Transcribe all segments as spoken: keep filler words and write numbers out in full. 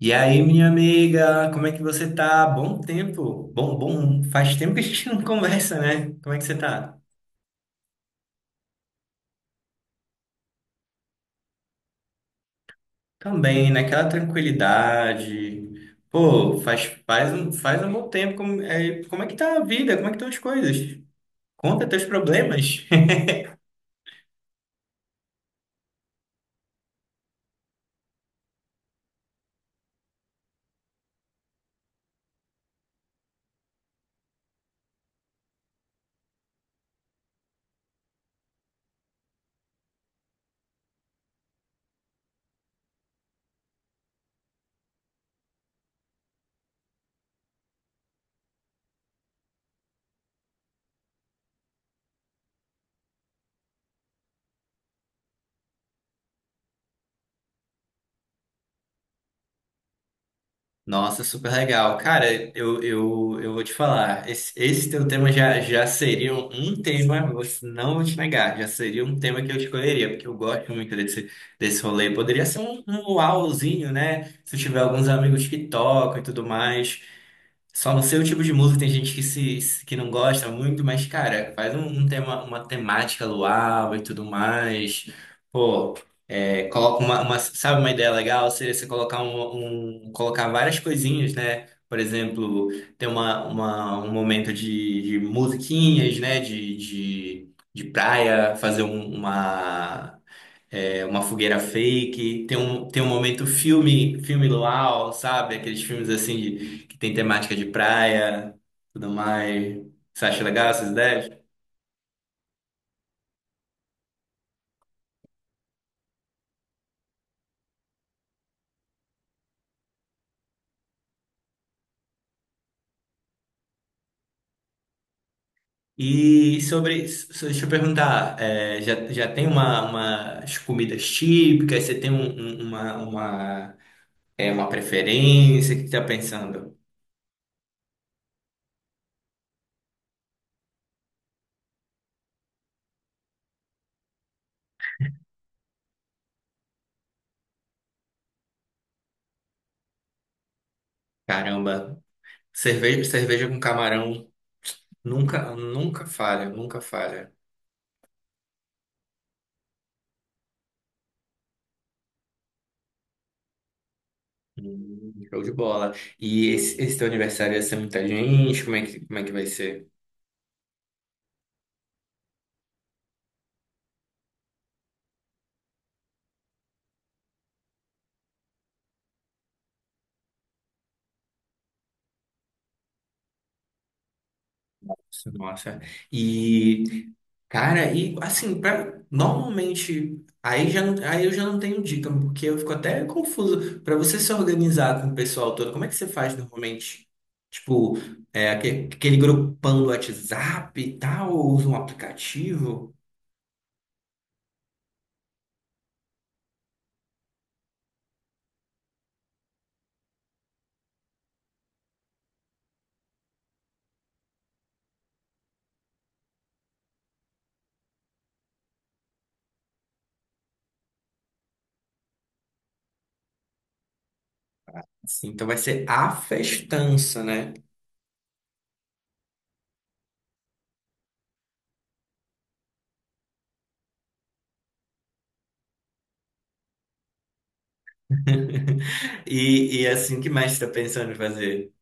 E aí, minha amiga, como é que você tá? Bom tempo. Bom, bom. Faz tempo que a gente não conversa, né? Como é que você tá? Também, naquela tranquilidade. Pô, faz, faz, um, faz um bom tempo. Como é, como é que tá a vida? Como é que estão as coisas? Conta teus problemas. Nossa, super legal. Cara, eu, eu, eu vou te falar, esse, esse teu tema já, já seria um um tema, vou- não vou te negar, já seria um tema que eu escolheria, porque eu gosto muito desse, desse rolê. Poderia ser um, um uauzinho, né? Se eu tiver alguns amigos que tocam e tudo mais. Só no seu tipo de música tem gente que, se, que não gosta muito, mas, cara, faz um, um tema, uma temática luau e tudo mais. Pô, é, coloca uma, uma- sabe uma ideia legal? Seria você colocar um, um- colocar várias coisinhas, né? Por exemplo, ter uma, uma, um momento de, de musiquinhas, né? De, de, de praia, fazer um- uma. É uma fogueira fake, tem um, tem um momento filme, filme luau, sabe? Aqueles filmes assim de, que tem temática de praia, tudo mais. Você acha legal essas ideias? E sobre, so- deixa eu perguntar, é, já, já tem uma, umas comidas típicas? Você tem um- um- uma, uma, é, uma preferência? O que você tá pensando? Caramba, cerveja, cerveja com camarão nunca, nunca falha, nunca falha. Hum, Show de bola. E esse, esse teu aniversário ia ser muita gente? Como é que, como é que vai ser? Nossa. E, cara, e assim, pra, normalmente, aí, já, não- aí eu já não tenho dica, porque eu fico até confuso. Pra você se organizar com o pessoal todo, como é que você faz normalmente? Tipo, é, aquele, aquele grupão do WhatsApp e tal, ou usa um aplicativo? Assim, então vai ser a festança, né? E, e é assim, o que mais você tá pensando em fazer?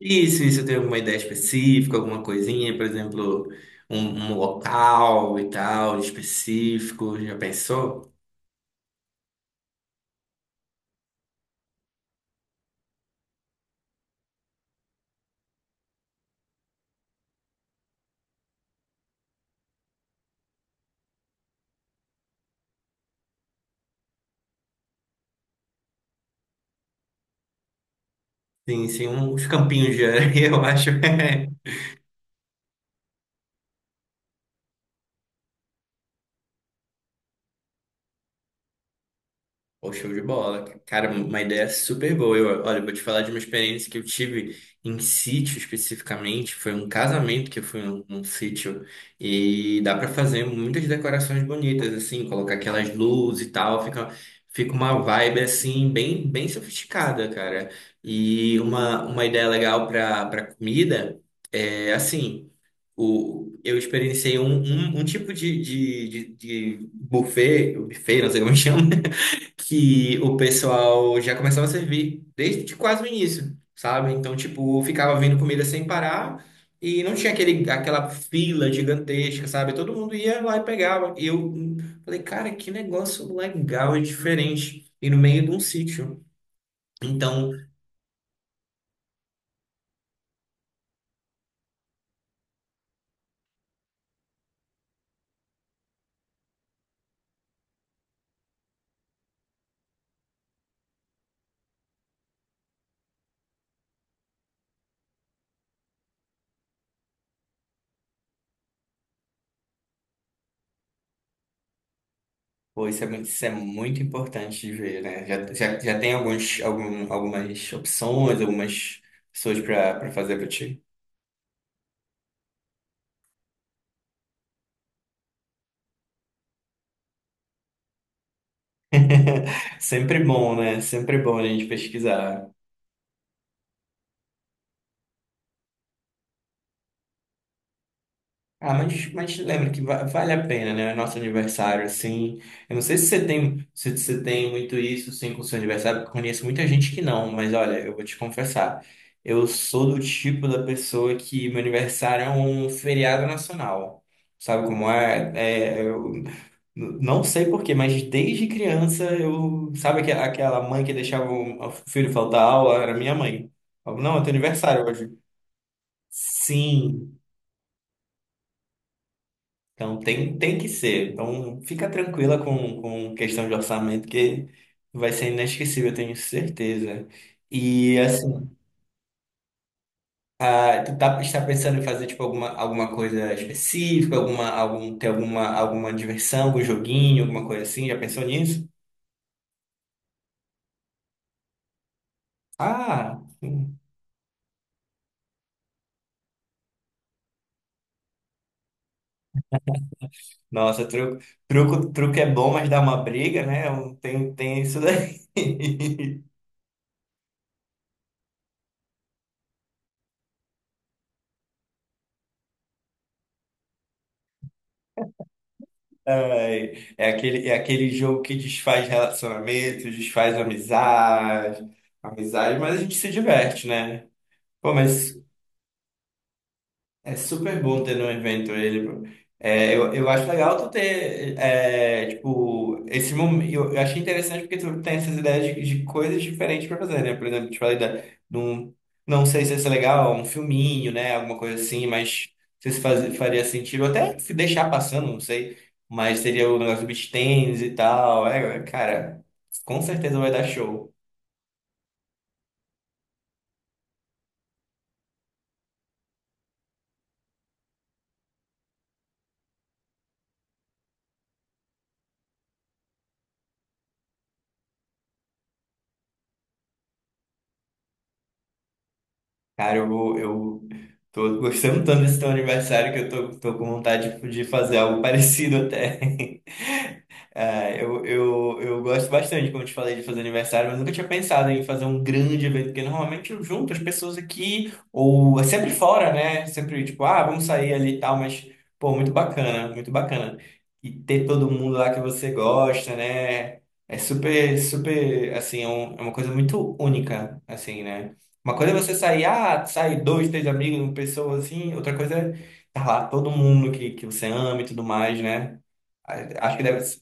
Isso, isso tem alguma ideia específica, alguma coisinha, por exemplo, um, um local e tal, específico, já pensou? Sim, sim, uns campinhos de areia, eu acho. Pô, show de bola. Cara, uma ideia super boa. Eu, olha, eu vou te falar de uma experiência que eu tive em sítio especificamente. Foi um casamento que eu fui num, num sítio. E dá pra fazer muitas decorações bonitas, assim, colocar aquelas luzes e tal. Fica, fica uma vibe, assim, bem, bem sofisticada, cara. E uma, uma ideia legal pra, pra comida é, assim, o, eu experienciei um, um, um tipo de, de, de, de buffet, buffet, não sei como chama que o pessoal já começava a servir desde quase o início, sabe? Então, tipo, ficava vindo comida sem parar e não tinha aquele, aquela fila gigantesca, sabe? Todo mundo ia lá e pegava. E eu hum, falei, cara, que negócio legal e diferente. E no meio de um sítio. Então, pô, isso é muito, isso é muito importante de ver, né? Já, já, já tem alguns, algum, algumas opções, algumas pessoas para fazer para ti. Sempre bom, né? Sempre bom a gente pesquisar. Ah, mas, mas lembra que va- vale a pena, né? Nosso aniversário, assim. Eu não sei se você tem, se você tem muito isso, sim, com o seu aniversário, porque eu conheço muita gente que não, mas olha, eu vou te confessar. Eu sou do tipo da pessoa que meu aniversário é um feriado nacional. Sabe como é? É, eu n- não sei por quê, mas desde criança eu. Sabe aque- aquela mãe que deixava o o filho faltar aula? Era minha mãe. Falava, Não, é teu aniversário hoje. Sim. Então tem, tem que ser. Então fica tranquila com, com questão de orçamento, que vai ser inesquecível, eu tenho certeza. E assim, ah, tu tá, está pensando em fazer tipo alguma, alguma coisa específica, alguma, algum, ter alguma, alguma diversão, algum joguinho, alguma coisa assim? Já pensou nisso? Ah, hum, nossa, truco, truco, truco é bom, mas dá uma briga, né? Um- Tem, tem isso daí. Ai, É aquele, é aquele jogo que desfaz relacionamentos, desfaz amizade, amizade, mas a gente se diverte, né? Pô, mas é super bom ter no evento ele, pô. É, eu, eu acho legal tu ter, é, tipo, esse momento. Eu, eu achei interessante porque tu tem essas ideias de, de coisas diferentes pra fazer, né? Por exemplo, te falei da, de um, não sei se isso é legal, um filminho, né? Alguma coisa assim, mas não sei se faz, faria sentido. Até se deixar passando, não sei. Mas seria o negócio do beach tennis e tal. É, cara, com certeza vai dar show. Cara, eu, vou- eu tô gostando tanto desse teu aniversário que eu tô, tô com vontade de de fazer algo parecido até. Ah, eu, eu, eu gosto bastante, como eu te falei, de fazer aniversário, mas nunca tinha pensado em fazer um grande evento, porque normalmente eu junto as pessoas aqui, ou é sempre fora, né? Sempre tipo, ah, vamos sair ali e tal, mas, pô, muito bacana, muito bacana. E ter todo mundo lá que você gosta, né? É super, super, assim, é um- é uma coisa muito única, assim, né? Uma coisa é você sair, ah, sair dois, três amigos, uma pessoa assim, outra coisa é tá lá todo mundo que, que você ama e tudo mais, né? A- Acho que deve ser.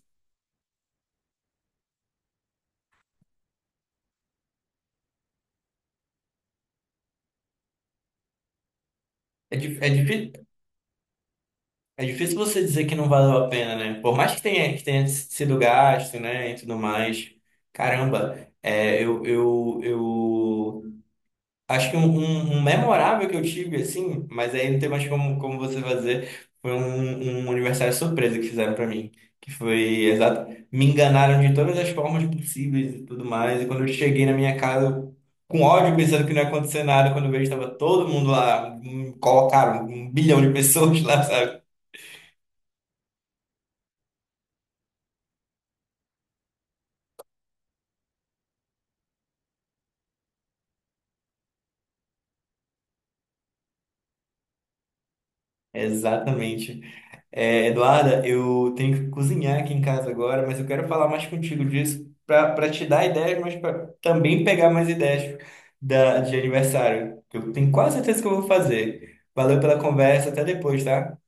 É, di- é, difí- é difícil você dizer que não valeu a pena, né? Por mais que tenha, que tenha sido gasto, né, e tudo mais. Caramba, é, eu, eu, eu acho que um, um- um memorável que eu tive, assim, mas aí não tem mais como, como você fazer, foi um, um aniversário surpresa que fizeram pra mim. Que foi exato. Me enganaram de todas as formas possíveis e tudo mais. E quando eu cheguei na minha casa, eu- com ódio, pensando que não ia acontecer nada, quando eu vejo estava todo mundo lá, hum, colocaram um bilhão de pessoas lá, sabe? Exatamente. É, Eduarda, eu tenho que cozinhar aqui em casa agora, mas eu quero falar mais contigo disso para te dar ideias, mas para também pegar mais ideias da, de aniversário, que eu tenho quase certeza que eu vou fazer. Valeu pela conversa, até depois, tá?